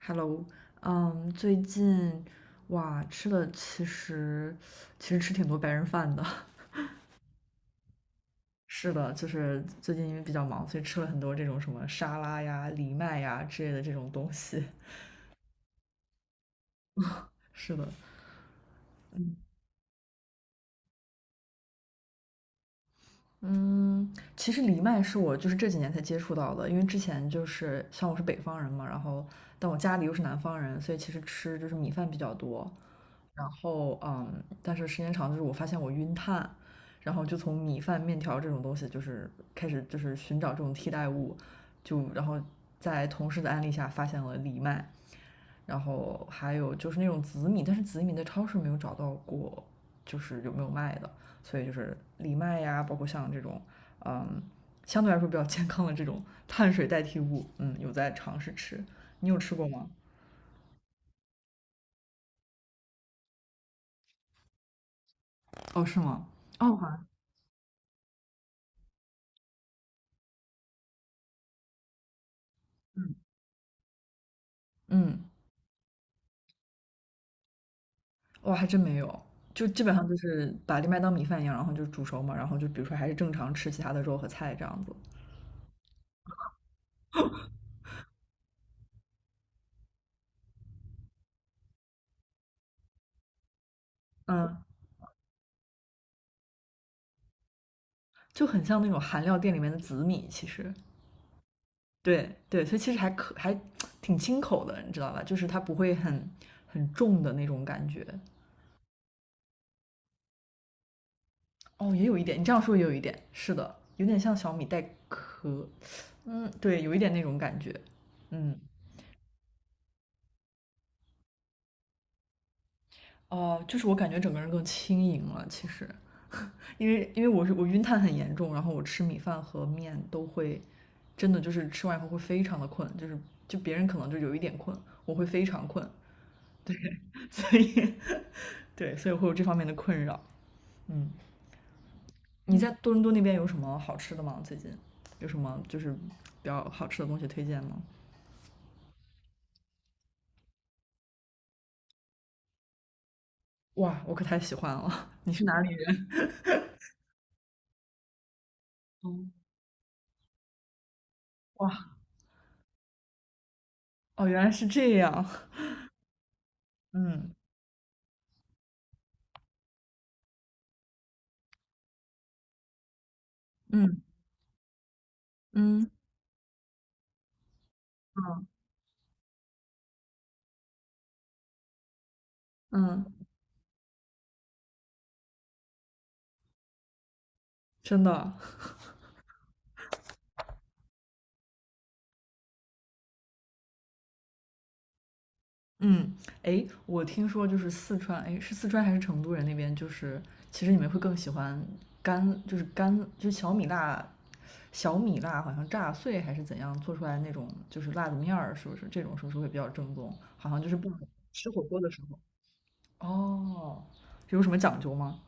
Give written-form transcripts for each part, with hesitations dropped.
Hello，最近哇吃的其实吃挺多白人饭的。是的，就是最近因为比较忙，所以吃了很多这种什么沙拉呀、藜麦呀之类的这种东西。是的，嗯，其实藜麦是我就是这几年才接触到的，因为之前就是像我是北方人嘛，然后但我家里又是南方人，所以其实吃就是米饭比较多。然后嗯，但是时间长就是我发现我晕碳，然后就从米饭、面条这种东西就是开始就是寻找这种替代物，就然后在同事的安利下发现了藜麦，然后还有就是那种紫米，但是紫米在超市没有找到过，就是有没有卖的，所以就是藜麦呀，包括像这种嗯相对来说比较健康的这种碳水代替物，嗯，有在尝试吃。你有吃过吗？哦，是吗？嗯。哇，还真没有，就基本上就是把藜麦当米饭一样，然后就煮熟嘛，然后就比如说还是正常吃其他的肉和菜这样子，嗯，就很像那种韩料店里面的紫米，其实，对对，所以其实还可还挺清口的，你知道吧？就是它不会很重的那种感觉。哦，也有一点，你这样说也有一点，是的，有点像小米带壳，嗯，对，有一点那种感觉，嗯，哦、就是我感觉整个人更轻盈了，其实，因为我晕碳很严重，然后我吃米饭和面都会，真的就是吃完以后会非常的困，就是就别人可能就有一点困，我会非常困，对，所以对，所以会有这方面的困扰。嗯，你在多伦多那边有什么好吃的吗？最近有什么就是比较好吃的东西推荐吗？哇，我可太喜欢了！你是哪里人？嗯，哇，哦，原来是这样。嗯，嗯，嗯，嗯，嗯，真的。嗯，哎，我听说就是四川，哎，是四川还是成都人那边，就是其实你们会更喜欢干，就是干，就是小米辣，小米辣好像炸碎还是怎样做出来那种，就是辣子面儿，是不是？这种是不是会比较正宗？好像就是不吃火锅的时候。哦，有什么讲究吗？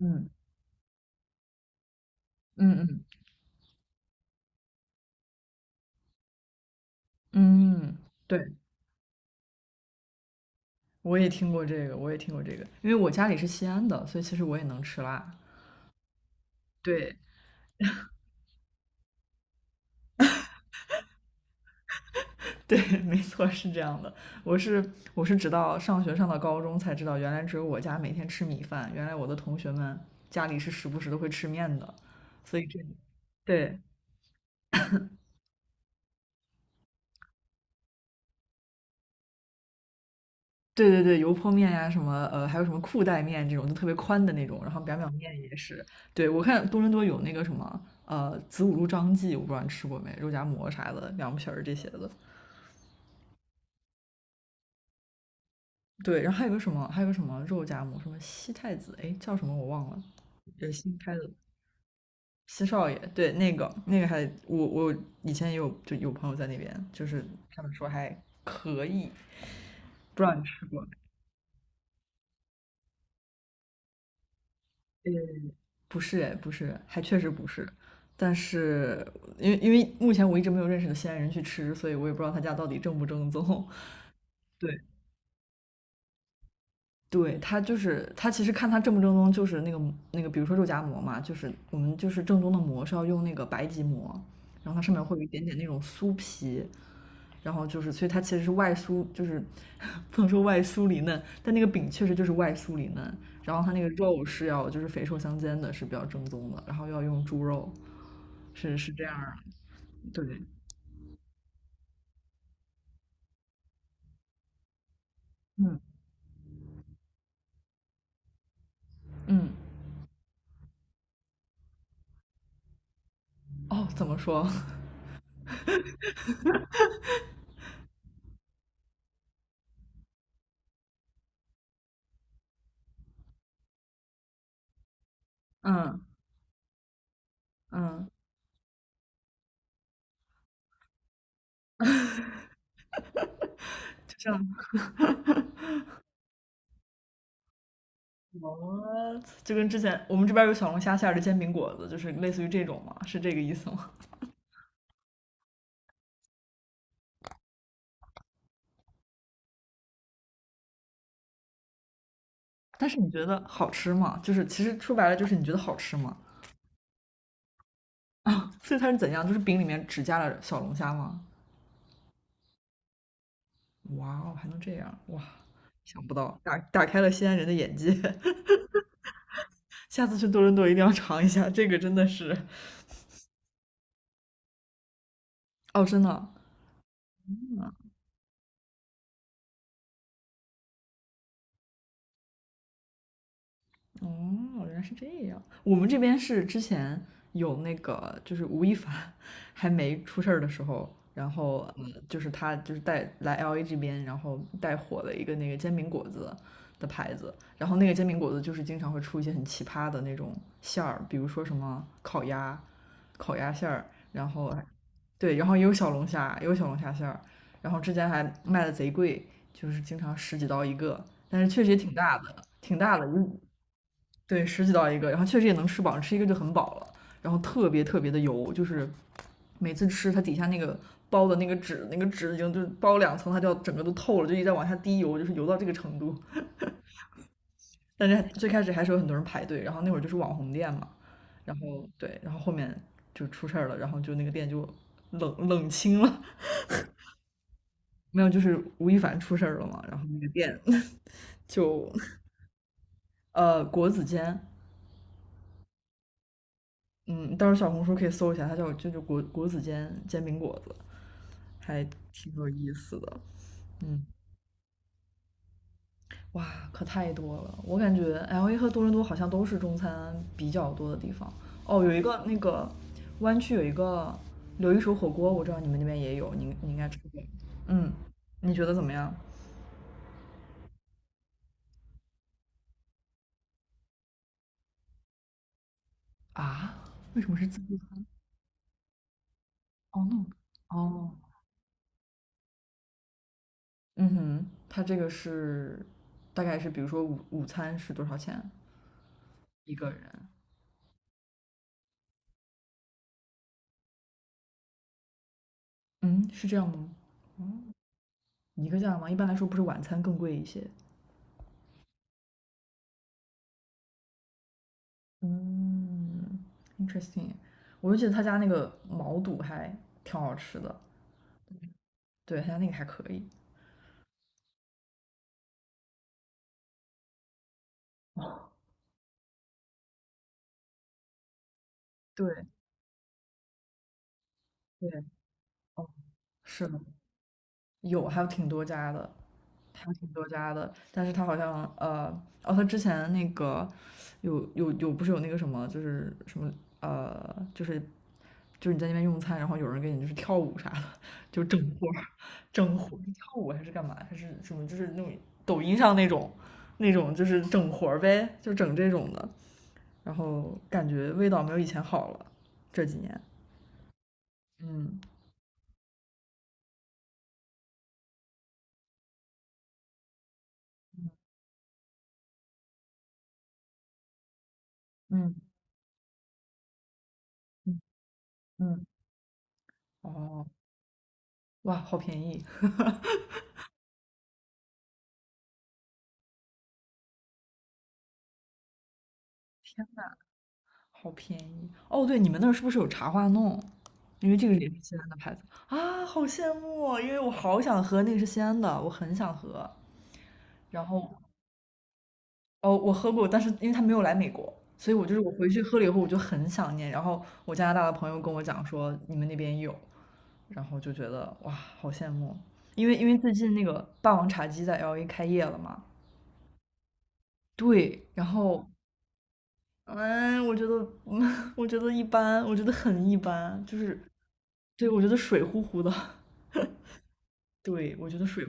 嗯，嗯，嗯，嗯，对，我也听过这个，我也听过这个，因为我家里是西安的，所以其实我也能吃辣。对，对，没错，是这样的。我是直到上学上到高中才知道，原来只有我家每天吃米饭，原来我的同学们家里是时不时都会吃面的，所以这对对对，油泼面呀、什么还有什么裤带面这种，就特别宽的那种，然后表面也是。对，我看多伦多有那个什么子午路张记，我不知道你吃过没，肉夹馍啥的，凉皮儿这些的。对，然后还有个什么，还有个什么肉夹馍，什么西太子，哎，叫什么我忘了，也是新开的。西少爷，对，那个那个还我以前也有就有朋友在那边，就是他们说还可以，不知道你吃过？呃，不是哎，不是，还确实不是。但是因为目前我一直没有认识的西安人去吃，所以我也不知道他家到底正不正宗。对，对，他就是他，其实看他正不正宗，就是那个那个，比如说肉夹馍嘛，就是我们就是正宗的馍是要用那个白吉馍，然后它上面会有一点点那种酥皮，然后就是，所以它其实是外酥，就是 不能说外酥里嫩，但那个饼确实就是外酥里嫩，然后它那个肉是要就是肥瘦相间的，是比较正宗的，然后要用猪肉，是是这样儿的对，嗯嗯，哦，怎么说？嗯嗯，就像 w h 就跟之前我们这边有小龙虾馅儿的煎饼果子，就是类似于这种嘛，是这个意思吗？但是你觉得好吃吗？就是其实说白了就是你觉得好吃吗？所以它是怎样？就是饼里面只加了小龙虾吗？哇哦，还能这样哇！想不到，打开了西安人的眼界。下次去多伦多一定要尝一下，这个真的是哦，真的哦，原来是这样。我们这边是之前有那个，就是吴亦凡还没出事儿的时候，然后就是他就是带来 LA 这边，然后带火了一个那个煎饼果子的牌子，然后那个煎饼果子就是经常会出一些很奇葩的那种馅儿，比如说什么烤鸭、烤鸭馅儿，然后对，然后也有小龙虾，也有小龙虾馅儿，然后之前还卖的贼贵，就是经常十几刀一个，但是确实也挺大的，挺大的，对，十几道一个，然后确实也能吃饱，吃一个就很饱了，然后特别特别的油，就是每次吃它底下那个包的那个纸，那个纸已经就是包两层，它就要整个都透了，就一直在往下滴油，就是油到这个程度。但是最开始还是有很多人排队，然后那会儿就是网红店嘛，然后对，然后后面就出事儿了，然后就那个店就冷冷清了，没有，就是吴亦凡出事儿了嘛，然后那个店 就国子监嗯，到时候小红书可以搜一下，它叫就就果果子煎煎饼果子，还挺有意思的。嗯，哇，可太多了！我感觉 LA 和多伦多好像都是中餐比较多的地方。哦，有一个那个湾区有一个刘一手火锅，我知道你们那边也有，你你应该吃过。嗯，你觉得怎么样？啊？为什么是自助餐？哦，no，哦，嗯哼，它这个是大概是比如说午餐是多少钱一个人？嗯，是这样吗？一个价吗？一般来说不是晚餐更贵一些。嗯，interesting。我就记得他家那个毛肚还挺好吃的，对，他家那个还可以。对对，哦，是的。有，还有挺多家的，还有挺多家的。但是他好像哦，他之前那个有有有，不是有那个什么，就是什么就是就是你在那边用餐，然后有人给你就是跳舞啥的，就整活儿整活儿，是跳舞还是干嘛？还是什么？就是那种抖音上那种那种，就是整活儿呗，就整这种的。然后感觉味道没有以前好了，这几年。嗯嗯嗯嗯，哦，哇，好便宜！天呐，好便宜！哦，对，你们那儿是不是有茶花弄？因为这个也是西安的牌子啊，好羡慕哦因为我好想喝，那个是西安的，我很想喝。然后，哦，我喝过，但是因为他没有来美国，所以我就是我回去喝了以后，我就很想念。然后我加拿大的朋友跟我讲说你们那边有，然后就觉得哇，好羡慕哦。因为最近那个霸王茶姬在 LA 开业了嘛，对，然后嗯，我觉得，嗯，我觉得一般，我觉得很一般，就是，对，我觉得水乎乎的。对，我觉得水，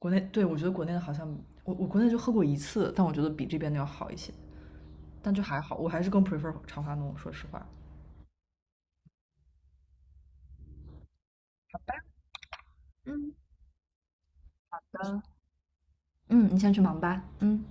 国内，对，我觉得国内的好像，我国内就喝过一次，但我觉得比这边的要好一些，但就还好，我还是更 prefer 长发浓，说实话。嗯，你先去忙吧。嗯。